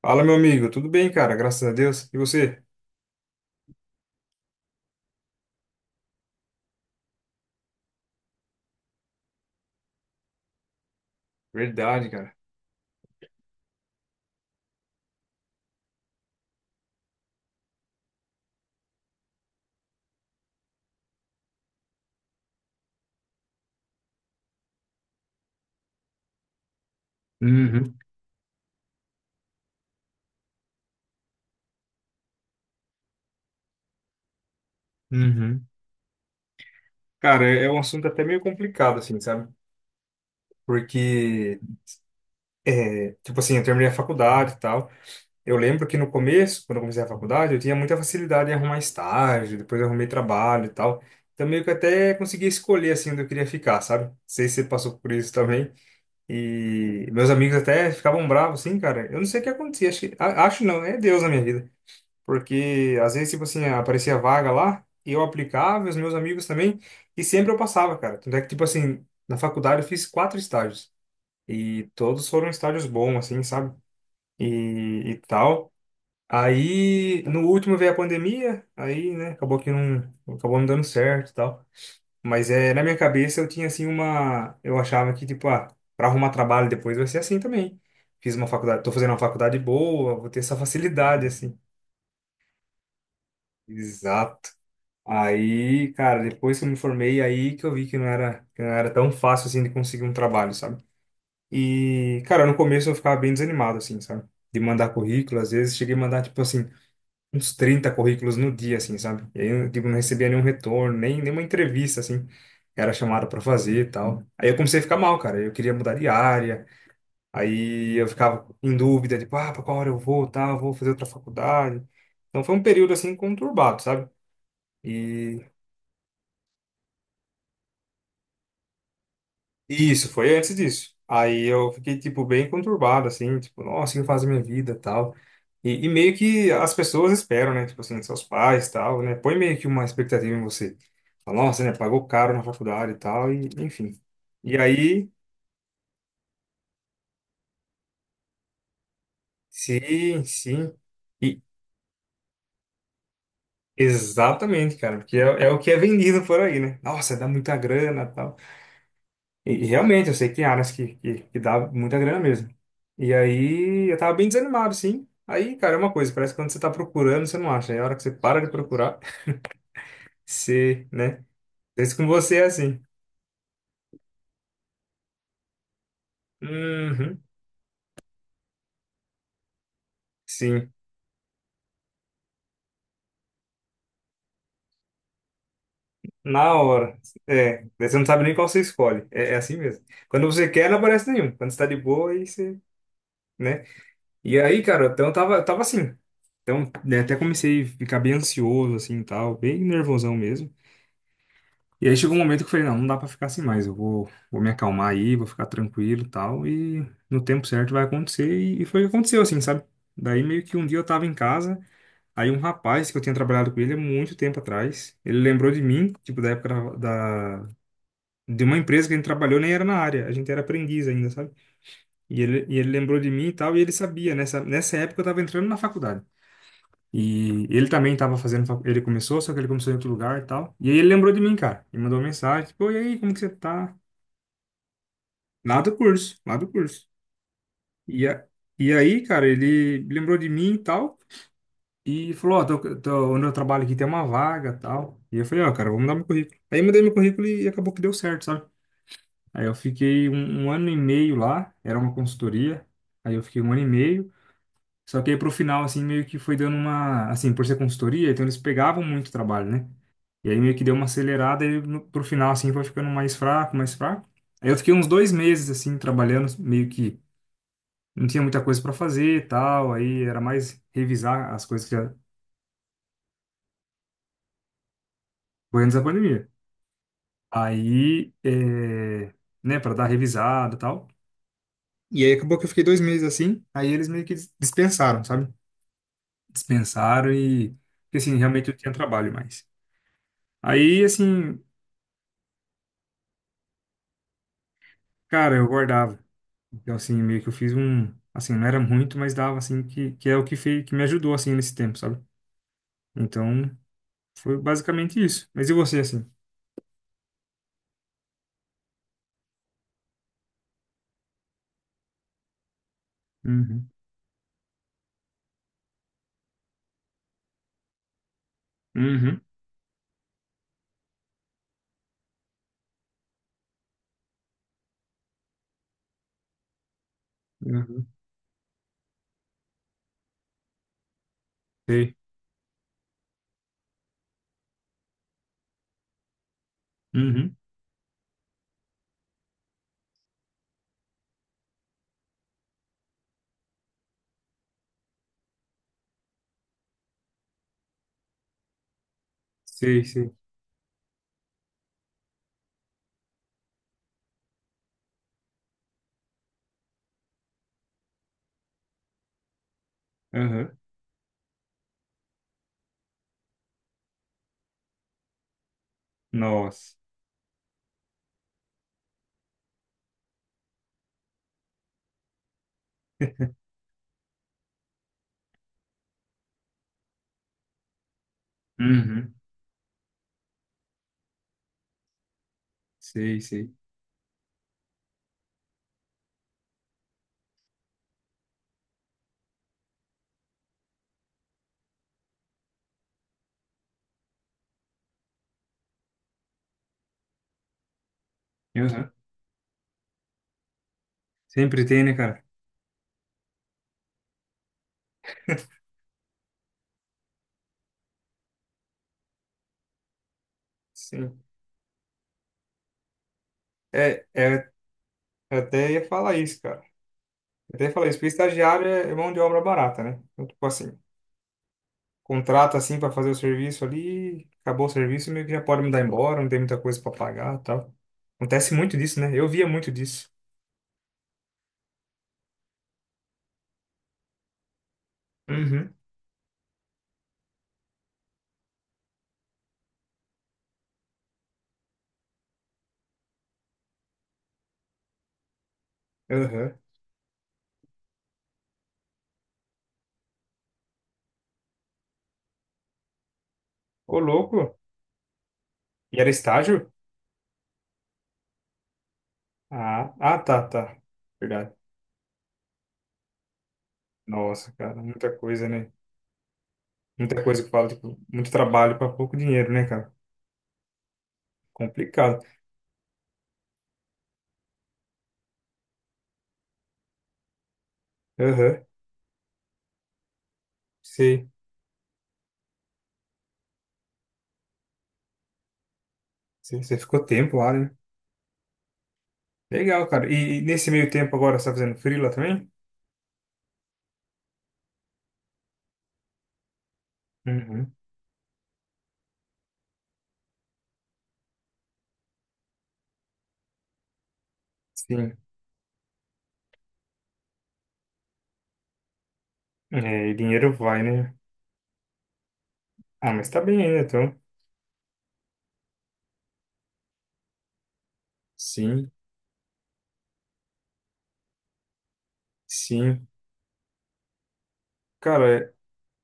Fala, meu amigo. Tudo bem, cara? Graças a Deus. E você? Verdade, cara. Uhum, uhum. Cara, é um assunto até meio complicado, assim, sabe? Porque, é, tipo assim, eu terminei a faculdade e tal. Eu lembro que no começo, quando eu comecei a faculdade, eu tinha muita facilidade em arrumar estágio, depois eu arrumei trabalho e tal. Então, meio que até consegui escolher, assim, onde eu queria ficar, sabe? Não sei se você passou por isso também. E meus amigos até ficavam bravos, assim, cara. Eu não sei o que acontecia. Acho que, acho não, é Deus na minha vida. Porque às vezes, tipo assim, aparecia vaga lá, eu aplicava, os meus amigos também, e sempre eu passava, cara. Tanto é que, tipo assim, na faculdade eu fiz quatro estágios, e todos foram estágios bons, assim, sabe? E tal. Aí, no último veio a pandemia, aí, né, acabou não dando certo e tal. Mas é, na minha cabeça eu tinha, assim, uma. Eu achava que, tipo, ah, pra arrumar trabalho depois vai ser assim também. Fiz uma faculdade, tô fazendo uma faculdade boa, vou ter essa facilidade, assim. Exato. Aí, cara, depois que eu me formei, aí que eu vi que não era tão fácil assim de conseguir um trabalho, sabe? E, cara, no começo eu ficava bem desanimado, assim, sabe? De mandar currículo, às vezes cheguei a mandar, tipo assim, uns 30 currículos no dia, assim, sabe? E aí eu, tipo, não recebia nenhum retorno, nem nenhuma entrevista, assim, que era chamada pra fazer e tal. Aí eu comecei a ficar mal, cara, eu queria mudar de área, aí eu ficava em dúvida, tipo, ah, pra qual hora eu vou, tal, vou fazer outra faculdade. Então foi um período, assim, conturbado, sabe? E isso, foi antes disso. Aí eu fiquei, tipo, bem conturbado, assim, tipo, nossa, o que eu faço da minha vida, tal. E meio que as pessoas esperam, né? Tipo assim, seus pais, tal, né? Põe meio que uma expectativa em você. Fala, nossa, né? Pagou caro na faculdade e tal, e enfim. E aí, sim, sim. E exatamente, cara, porque é o que é vendido por aí, né? Nossa, dá muita grana, tal. E realmente, eu sei que tem áreas que dá muita grana mesmo. E aí, eu tava bem desanimado, sim. Aí, cara, é uma coisa, parece que quando você tá procurando, você não acha. Aí, a hora que você para de procurar, você, né? Isso com você é assim. Uhum, sim. Na hora. É, daí você não sabe nem qual você escolhe. É, é assim mesmo. Quando você quer, não aparece nenhum. Quando você tá de boa, aí você, né? E aí, cara, então eu tava assim. Então, né, até comecei a ficar bem ansioso, assim, e tal, bem nervosão mesmo. E aí chegou um momento que eu falei, não, não dá pra ficar assim mais, vou me acalmar aí, vou ficar tranquilo e tal, e no tempo certo vai acontecer, e foi o que aconteceu, assim, sabe? Daí meio que um dia eu tava em casa, aí um rapaz que eu tinha trabalhado com ele há muito tempo atrás, ele lembrou de mim, tipo, da época da, da- de uma empresa que a gente trabalhou, nem era na área, a gente era aprendiz ainda, sabe? E ele lembrou de mim e tal, e ele sabia, nessa época eu tava entrando na faculdade. E ele também estava fazendo, ele começou, só que ele começou em outro lugar e tal. E aí ele lembrou de mim, cara, e mandou uma mensagem, tipo, e aí, como que você tá? Lá do curso, lá do curso. E, a, e aí, cara, ele lembrou de mim e tal, e falou, ó, onde eu trabalho aqui tem uma vaga e tal. E eu falei, ó, cara, vou mudar meu currículo. Aí eu mudei meu currículo e acabou que deu certo, sabe? Aí eu fiquei um ano e meio lá, era uma consultoria, aí eu fiquei um ano e meio, só que aí pro final, assim, meio que foi dando uma, assim, por ser consultoria, então eles pegavam muito trabalho, né? E aí meio que deu uma acelerada e pro final, assim, foi ficando mais fraco, mais fraco. Aí eu fiquei uns dois meses, assim, trabalhando meio que não tinha muita coisa para fazer e tal, aí era mais revisar as coisas que já foi antes da pandemia. Aí, é, né, para dar revisada e tal. E aí acabou que eu fiquei dois meses assim, aí eles meio que dispensaram, sabe? Dispensaram e, porque assim, realmente eu tinha trabalho mais. Aí, assim, cara, eu guardava. Então, assim, meio que eu fiz um, assim, não era muito, mas dava, assim, que é o que fez, que me ajudou, assim, nesse tempo, sabe? Então, foi basicamente isso. Mas e você, assim? Uhum. Uhum. Uhum. Sei. Uhum. Sei, sei. Aham. Nossa. Uhum. Sei, sei. Aham. Sempre tem, né, cara? Sim. É, é, eu até ia falar isso, cara. Eu até ia falar isso, porque estagiário é mão de obra barata, né? Então, tipo assim, contrata assim pra fazer o serviço ali, acabou o serviço, meio que já pode mandar embora, não tem muita coisa pra pagar e tal. Acontece muito disso, né? Eu via muito disso. Uhum. Aham. Ô, louco. E era estágio? Ah, ah, tá, tá. Verdade. Nossa, cara, muita coisa, né? Muita coisa que fala, tipo, muito trabalho para pouco dinheiro, né, cara? Complicado. Aham, sei, sei. Você ficou tempo lá, né? Legal, cara. E nesse meio tempo agora você tá fazendo free também? Uhum. Sim. É, e dinheiro vai, né? Ah, mas tá bem ainda, então. Sim, sim. Cara,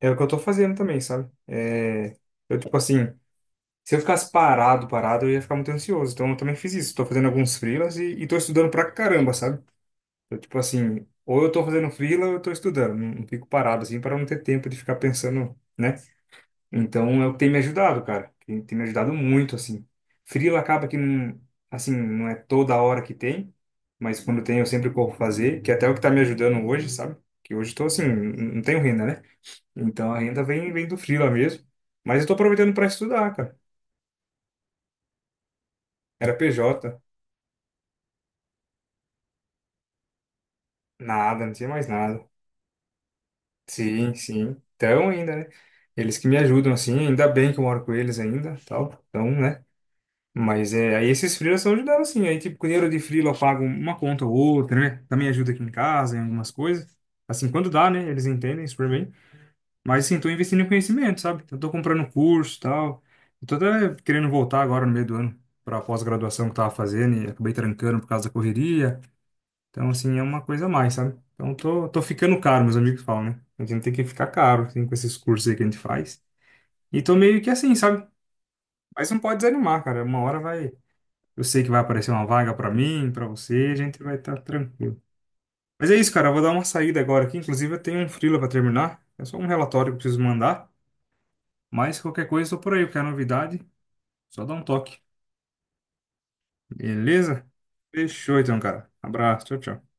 é, é o que eu tô fazendo também, sabe? É, eu, tipo assim, se eu ficasse parado, eu ia ficar muito ansioso. Então eu também fiz isso. Tô fazendo alguns freelas e tô estudando pra caramba, sabe? Eu, tipo assim, ou eu tô fazendo freela ou eu tô estudando. Não, não fico parado assim para não ter tempo de ficar pensando, né? Então é o que tem me ajudado, cara. Tem me ajudado muito, assim. Freela acaba que não, assim, não é toda hora que tem, mas quando tem eu sempre corro fazer, que até é o que tá me ajudando hoje, sabe? Que hoje eu tô assim, não tenho renda, né? Então a renda vem, vem do freela mesmo. Mas eu tô aproveitando para estudar, cara. Era PJ, nada, não tinha mais nada. Sim, sim. Então ainda, né? Eles que me ajudam, assim, ainda bem que eu moro com eles ainda, tal. Então, né? Mas é, aí esses freelas estão ajudando, assim. Aí, tipo, com dinheiro de freela eu pago uma conta ou outra, né? Também ajuda aqui em casa, em algumas coisas. Assim, quando dá, né? Eles entendem super bem. Mas, assim, tô investindo em conhecimento, sabe? Eu tô comprando curso, tal. Eu tô até querendo voltar agora no meio do ano pra pós-graduação que eu tava fazendo e acabei trancando por causa da correria. Então, assim, é uma coisa a mais, sabe? Então, tô ficando caro, meus amigos falam, né? A gente tem que ficar caro, assim, com esses cursos aí que a gente faz. E tô meio que assim, sabe? Mas não pode desanimar, cara. Uma hora vai. Eu sei que vai aparecer uma vaga pra mim, pra você, a gente vai estar tranquilo. Mas é isso, cara. Eu vou dar uma saída agora aqui. Inclusive, eu tenho um freela pra terminar. É só um relatório que eu preciso mandar. Mas qualquer coisa, eu tô por aí. Qualquer novidade, só dá um toque. Beleza? Fechou, então, cara. Abraço. Tchau, tchau.